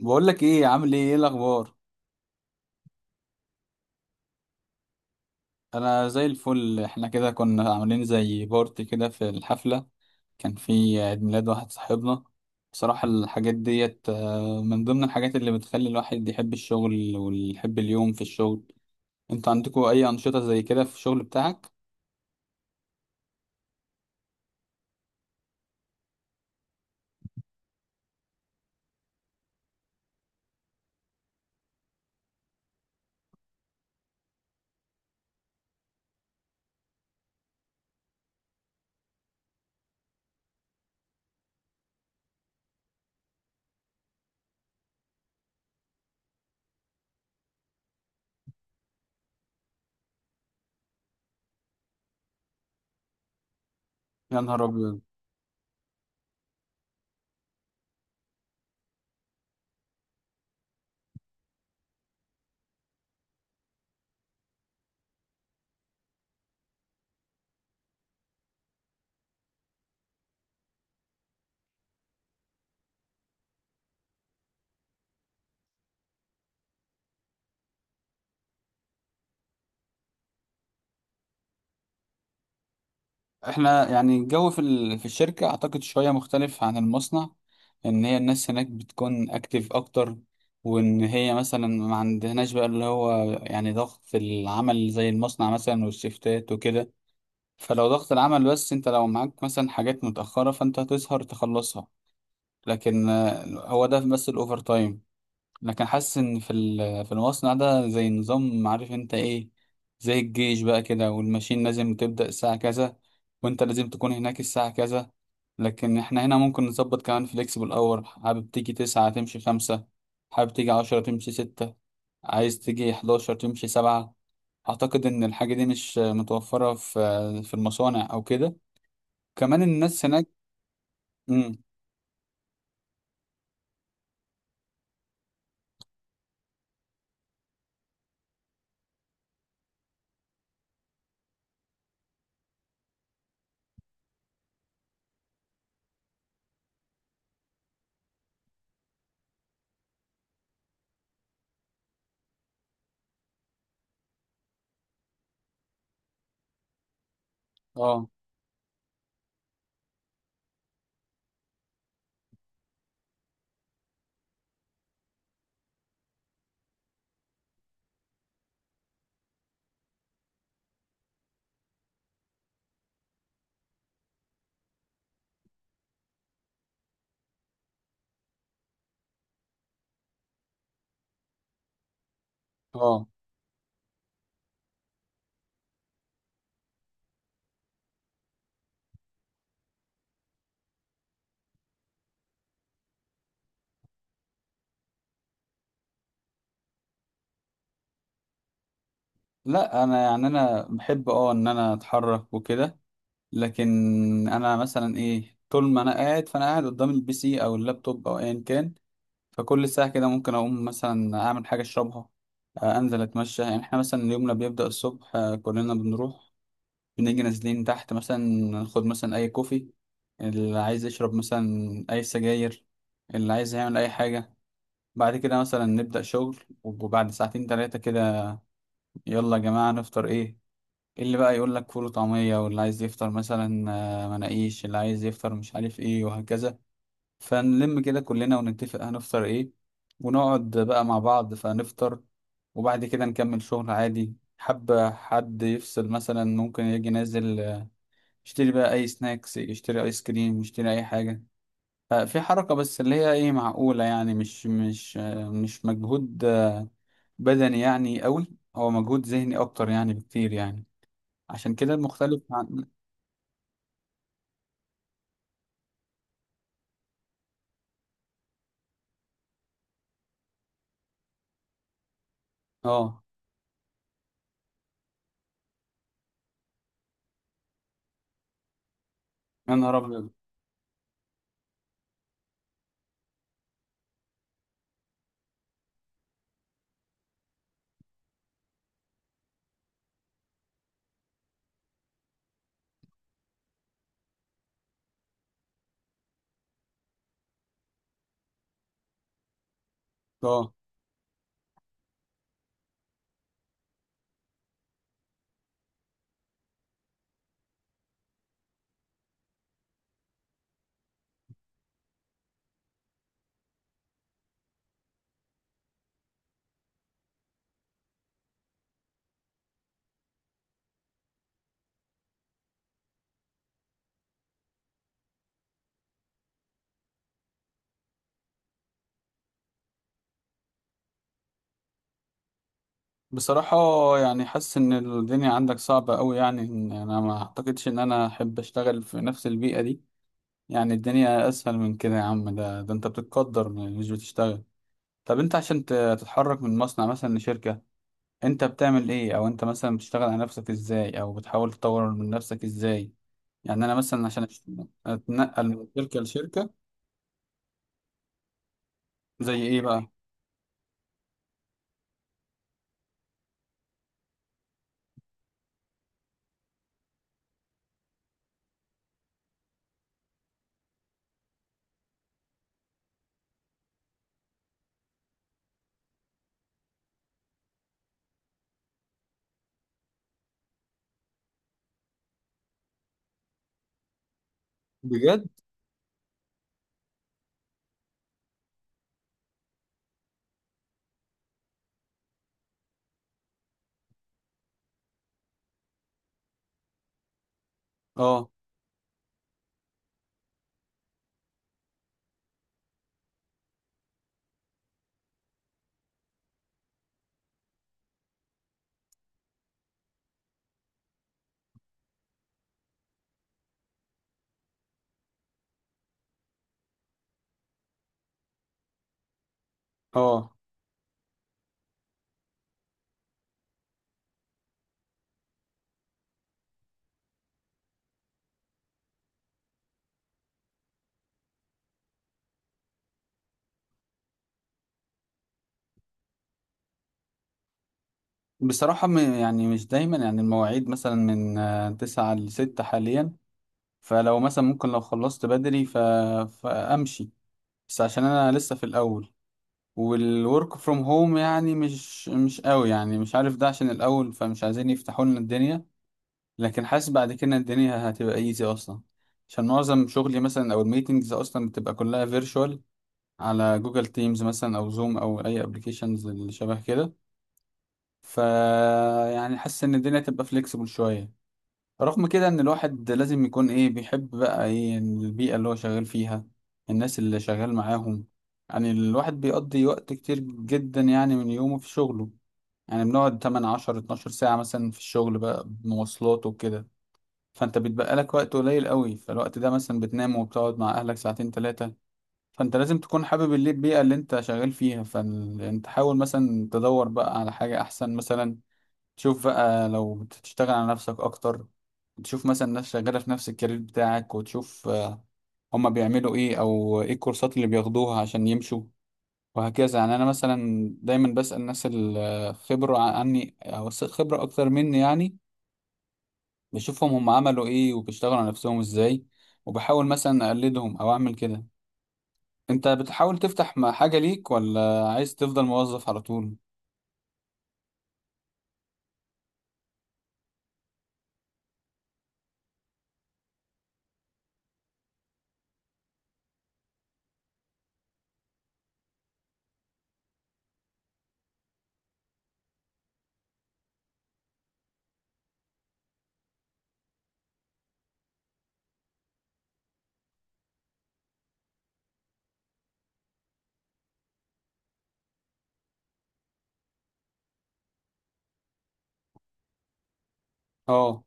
بقول لك ايه، عامل ايه؟ ايه الاخبار؟ انا زي الفل. احنا كده كنا عاملين زي بارتي كده في الحفله. كان في عيد ميلاد واحد صاحبنا. بصراحه الحاجات ديت من ضمن الحاجات اللي بتخلي الواحد يحب الشغل ويحب اليوم في الشغل. انتوا عندكم اي انشطه زي كده في الشغل بتاعك؟ يا نهار ابيض. احنا يعني الجو في الشركة اعتقد شوية مختلف عن المصنع. ان هي الناس هناك بتكون اكتيف اكتر، وان هي مثلا ما عندهناش بقى اللي هو يعني ضغط العمل زي المصنع مثلا والشيفتات وكده. فلو ضغط العمل، بس انت لو معاك مثلا حاجات متأخرة فانت هتسهر تخلصها. لكن هو ده بس الاوفر تايم. لكن حاسس ان في المصنع ده زي نظام، عارف انت ايه؟ زي الجيش بقى كده، والماشين لازم تبدأ الساعة كذا، وانت لازم تكون هناك الساعة كذا. لكن احنا هنا ممكن نظبط كمان فليكسبل اور. حابب تيجي تسعة تمشي خمسة، حابب تيجي عشرة تمشي ستة، عايز تيجي حداشر تمشي سبعة. اعتقد ان الحاجة دي مش متوفرة في المصانع او كده. كمان الناس هناك. امم اه. اه. لا، انا يعني انا بحب ان انا اتحرك وكده. لكن انا مثلا ايه، طول ما انا قاعد فانا قاعد قدام البي سي او اللابتوب او ايا كان. فكل ساعه كده ممكن اقوم مثلا اعمل حاجه اشربها، انزل اتمشى. يعني احنا مثلا يومنا بيبدا الصبح، كلنا بنروح بنيجي نازلين تحت، مثلا ناخد مثلا اي كوفي. اللي عايز يشرب مثلا اي سجاير، اللي عايز يعمل اي حاجه. بعد كده مثلا نبدا شغل، وبعد ساعتين 3 كده، يلا يا جماعه نفطر ايه؟ اللي بقى يقول لك فول وطعمية، واللي عايز يفطر مثلا مناقيش، اللي عايز يفطر مش عارف ايه، وهكذا. فنلم كده كلنا ونتفق هنفطر ايه، ونقعد بقى مع بعض فنفطر. وبعد كده نكمل شغل عادي. حب حد يفصل مثلا ممكن يجي نازل، يشتري بقى اي سناكس، يشتري ايس كريم، يشتري اي حاجة. ففي حركة بس اللي هي ايه، معقولة يعني، مش مجهود بدني يعني قوي. هو مجهود ذهني اكتر يعني بكتير يعني. عشان كده المختلف عن. اه. يا نهار ابيض. اه، بصراحة يعني حاسس ان الدنيا عندك صعبة قوي، يعني إن انا ما اعتقدش ان انا احب اشتغل في نفس البيئة دي. يعني الدنيا اسهل من كده يا عم، ده انت بتتقدر مش بتشتغل. طب انت عشان تتحرك من مصنع مثلا لشركة، انت بتعمل ايه؟ او انت مثلا بتشتغل على نفسك ازاي؟ او بتحاول تطور من نفسك ازاي؟ يعني انا مثلا عشان اتنقل من شركة لشركة. زي ايه بقى؟ بجد. اه. اه، بصراحة يعني مش دايما. يعني المواعيد مثلا من من 9 لـ6 حاليا. فلو مثلا ممكن لو خلصت بدري ف... فأمشي. بس عشان أنا لسه في الأول، والورك فروم هوم يعني مش قوي، يعني مش عارف ده عشان الأول فمش عايزين يفتحوا لنا الدنيا. لكن حاسس بعد كده الدنيا هتبقى ايزي أصلا، عشان معظم شغلي مثلا أو الميتنجز أصلا بتبقى كلها فيرتشوال، على جوجل تيمز مثلا أو زوم أو أي أبلكيشنز اللي شبه كده. ف، يعني حاسس ان الدنيا تبقى فليكسبل شويه. رغم كده ان الواحد لازم يكون ايه، بيحب بقى ايه البيئة اللي هو شغال فيها، الناس اللي شغال معاهم. يعني الواحد بيقضي وقت كتير جدا يعني من يومه في شغله. يعني بنقعد 8 10 12 ساعة مثلا في الشغل بقى بمواصلات وكده. فانت بيتبقى لك وقت قليل قوي، فالوقت ده مثلا بتنام وبتقعد مع اهلك ساعتين 3. فانت لازم تكون حابب البيئة اللي انت شغال فيها. فانت حاول مثلا تدور بقى على حاجة احسن مثلا. شوف بقى، لو بتشتغل على نفسك اكتر، تشوف مثلا ناس شغالة في نفس الكارير بتاعك، وتشوف هما بيعملوا ايه، او ايه الكورسات اللي بياخدوها عشان يمشوا، وهكذا. يعني انا مثلا دايما بسأل ناس الخبرة عني او خبرة اكتر مني يعني. بشوفهم هم عملوا ايه، وبيشتغلوا على نفسهم ازاي، وبحاول مثلا اقلدهم او اعمل كده. انت بتحاول تفتح مع حاجة ليك، ولا عايز تفضل موظف على طول؟ اه.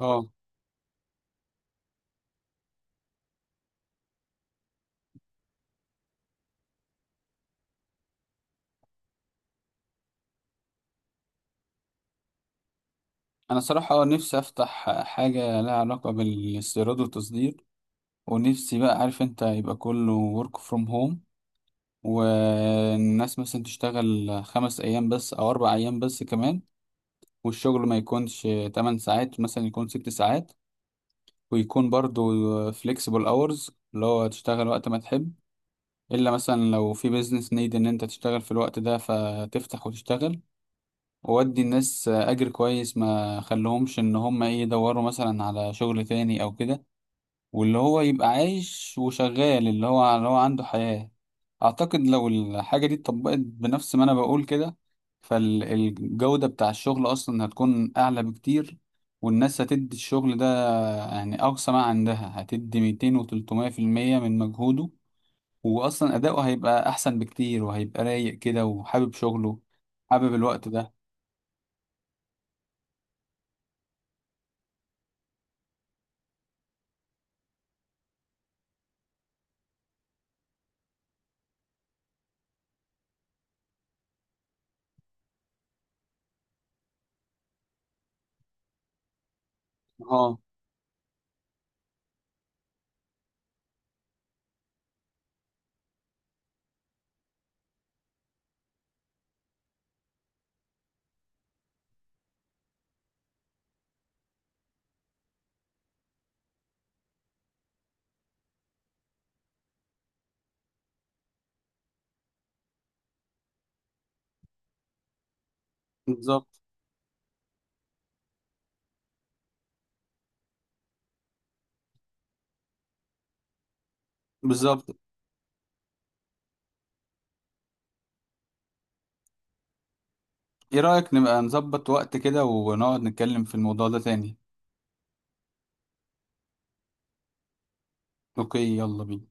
اه، انا صراحة نفسي افتح حاجة لها علاقة بالاستيراد والتصدير. ونفسي بقى، عارف انت، يبقى كله work from home. والناس مثلا تشتغل 5 ايام بس او 4 ايام بس كمان. والشغل ما يكونش 8 ساعات مثلا، يكون 6 ساعات. ويكون برضو flexible hours، اللي هو تشتغل وقت ما تحب. الا مثلا لو في business need ان انت تشتغل في الوقت ده فتفتح وتشتغل. وودي الناس اجر كويس ما خلهمش ان هم ايه يدوروا مثلا على شغل تاني او كده. واللي هو يبقى عايش وشغال، اللي هو عنده حياة. أعتقد لو الحاجة دي اتطبقت بنفس ما أنا بقول كده، فالجودة بتاع الشغل أصلا هتكون أعلى بكتير. والناس هتدي الشغل ده، يعني أقصى ما عندها، هتدي 200% و300% من مجهوده. وأصلا أداؤه هيبقى أحسن بكتير، وهيبقى رايق كده وحابب شغله، حابب الوقت ده. اه. بالظبط. بالظبط. ايه رأيك نبقى نظبط وقت كده ونقعد نتكلم في الموضوع ده تاني؟ اوكي، يلا بينا.